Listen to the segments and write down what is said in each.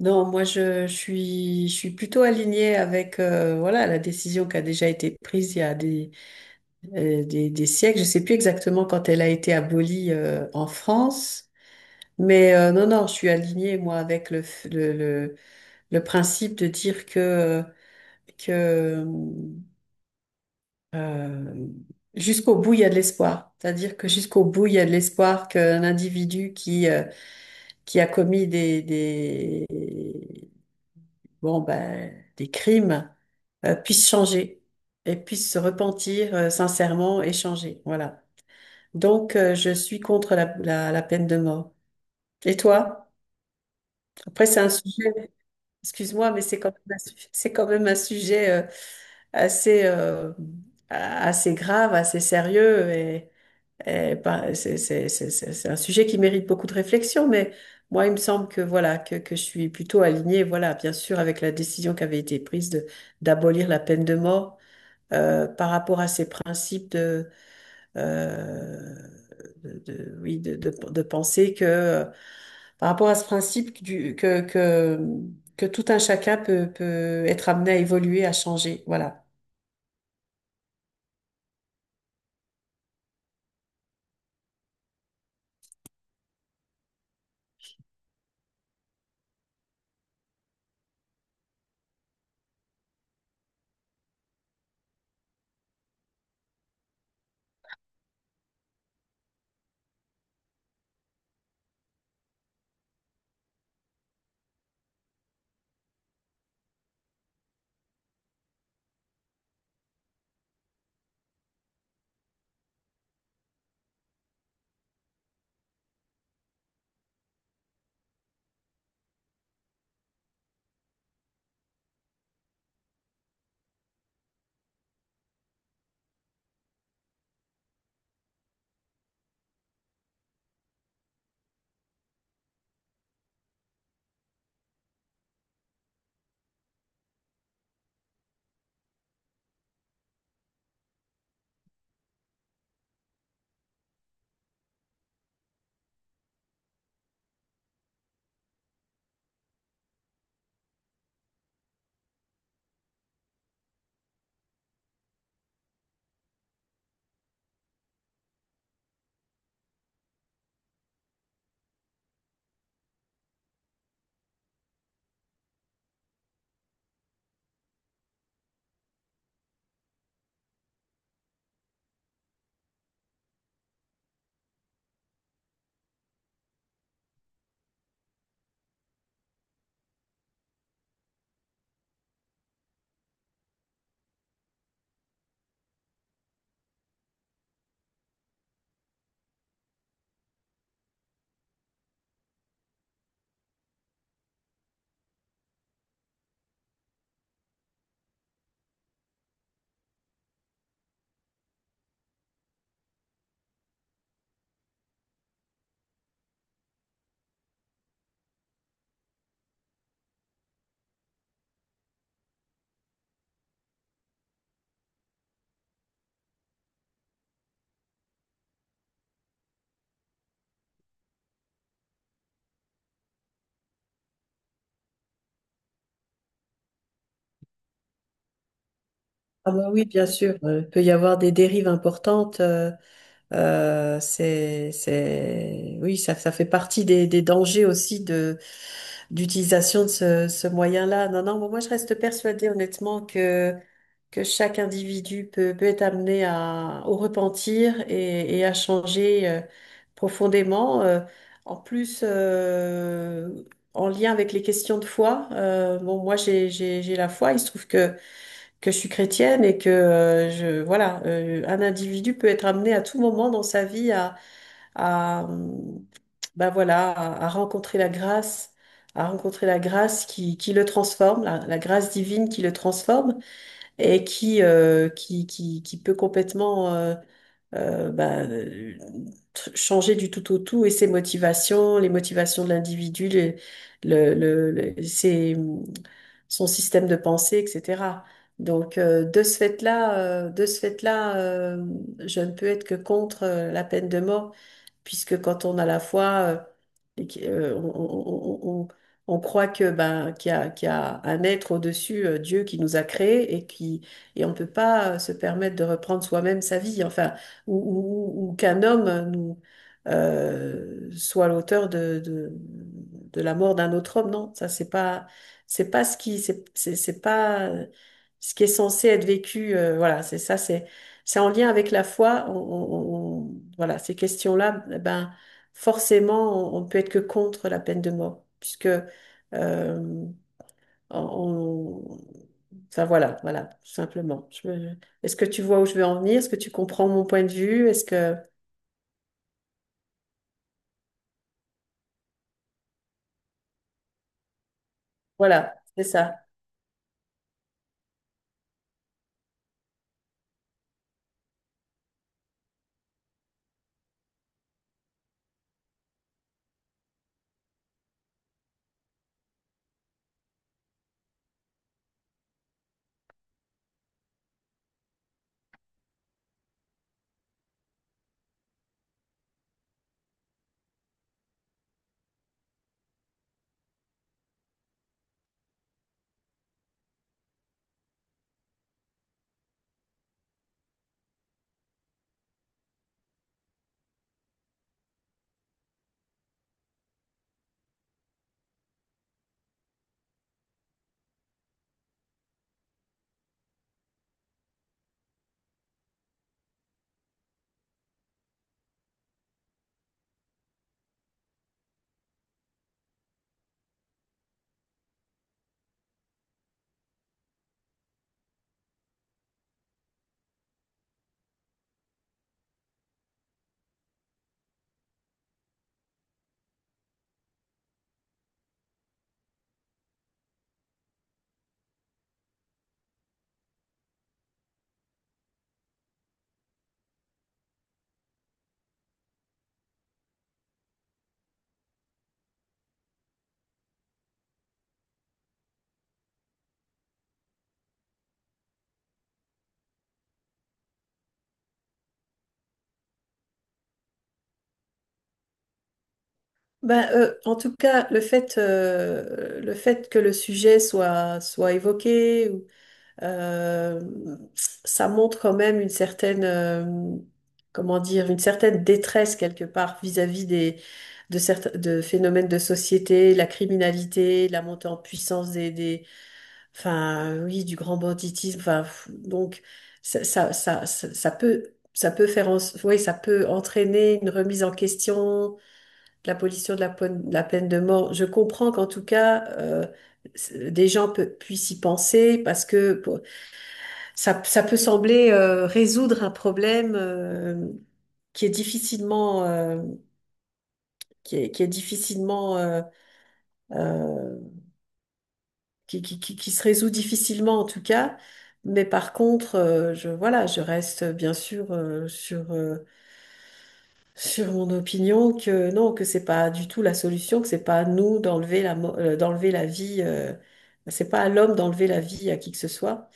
Non, moi je suis plutôt alignée avec voilà la décision qui a déjà été prise il y a des siècles. Je sais plus exactement quand elle a été abolie en France, mais non, non, je suis alignée moi avec le, f- le principe de dire que euh, jusqu'au bout il y a de l'espoir. C'est-à-dire que jusqu'au bout il y a de l'espoir qu'un individu qui qui a commis des bon, ben, des crimes puissent changer et puissent se repentir sincèrement et changer. Voilà. Donc, je suis contre la peine de mort. Et toi? Après, c'est un sujet, excuse-moi, mais c'est quand même un, su- c'est quand même un sujet assez, assez grave, assez sérieux. Et, eh ben, c'est un sujet qui mérite beaucoup de réflexion, mais moi, il me semble que voilà que je suis plutôt alignée, voilà, bien sûr, avec la décision qui avait été prise de d'abolir la peine de mort par rapport à ces principes de, euh, oui de penser que par rapport à ce principe du que tout un chacun peut être amené à évoluer, à changer, voilà. Ah bah oui, bien sûr, il peut y avoir des dérives importantes. Oui, ça fait partie des dangers aussi de d'utilisation de ce, ce moyen-là. Non, non, moi je reste persuadée honnêtement que chaque individu peut être amené à, au repentir et à changer profondément. En plus, en lien avec les questions de foi, bon, moi j'ai la foi. Il se trouve que je suis chrétienne et que je voilà un individu peut être amené à tout moment dans sa vie à ben voilà à rencontrer la grâce, à rencontrer la grâce qui le transforme, la grâce divine qui le transforme et qui peut complètement euh, ben, euh, changer du tout au tout et ses motivations, les motivations de l'individu, le, le, le- ses- son système de pensée, etc. Donc, de ce fait-là, je ne peux être que contre la peine de mort puisque quand on a la foi, et qu'- on croit que ben qu'il y a un être au-dessus, Dieu qui nous a créés et qui et on peut pas se permettre de reprendre soi-même sa vie, enfin ou qu'un homme nous soit l'auteur de la mort d'un autre homme, non, ça c'est pas ce qui est censé être vécu, voilà, c'est ça, c'est en lien avec la foi. Voilà, ces questions-là, eh ben, forcément, on peut être que contre la peine de mort, puisque, euh, on, enfin voilà, voilà, tout simplement. Je me- est-ce que tu vois où je veux en venir? Est-ce que tu comprends mon point de vue? Est-ce que, voilà, c'est ça. Ben, en tout cas, le fait que le sujet soit évoqué, Euh, ça montre quand même une certaine, comment dire, une certaine détresse quelque part vis-à-vis de certains de phénomènes de société, la criminalité, la montée en puissance enfin, oui, du grand banditisme. Enfin, pff, donc, ça peut faire, en- oui, ça peut entraîner une remise en question, de l'abolition de de la peine de mort. Je comprends qu'en tout cas, des gens pe- puissent y penser parce que ça peut sembler résoudre un problème qui est difficilement, qui est difficilement, euh, qui se résout difficilement en tout cas. Mais par contre, voilà, je reste bien sûr sur mon opinion que non, que c'est pas du tout la solution, que c'est pas à nous d'enlever d'enlever la vie, c'est pas à l'homme d'enlever la vie à qui que ce soit.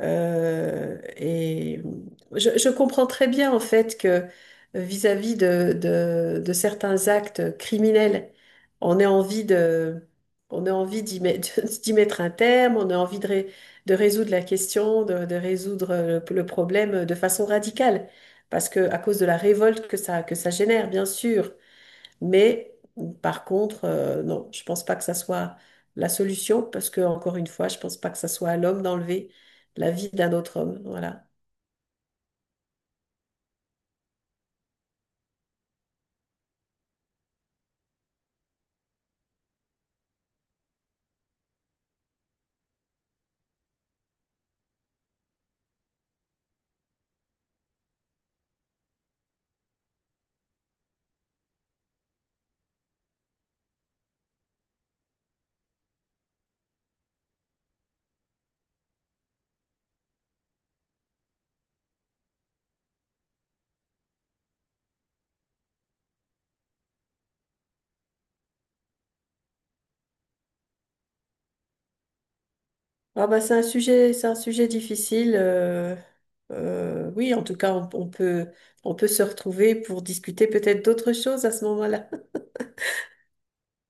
Euh, et je comprends très bien en fait que vis-à-vis de certains actes criminels, on ait envie de, on ait envie d'y mettre, d'y mettre un terme, on a envie de résoudre la question, de résoudre le problème de façon radicale, parce que à cause de la révolte que ça génère, bien sûr, mais par contre, non, je pense pas que ça soit la solution parce que, encore une fois, je pense pas que ça soit à l'homme d'enlever la vie d'un autre homme. Voilà. Ah bah, c'est un sujet difficile. Oui, en tout cas, on peut se retrouver pour discuter peut-être d'autres choses à ce moment-là.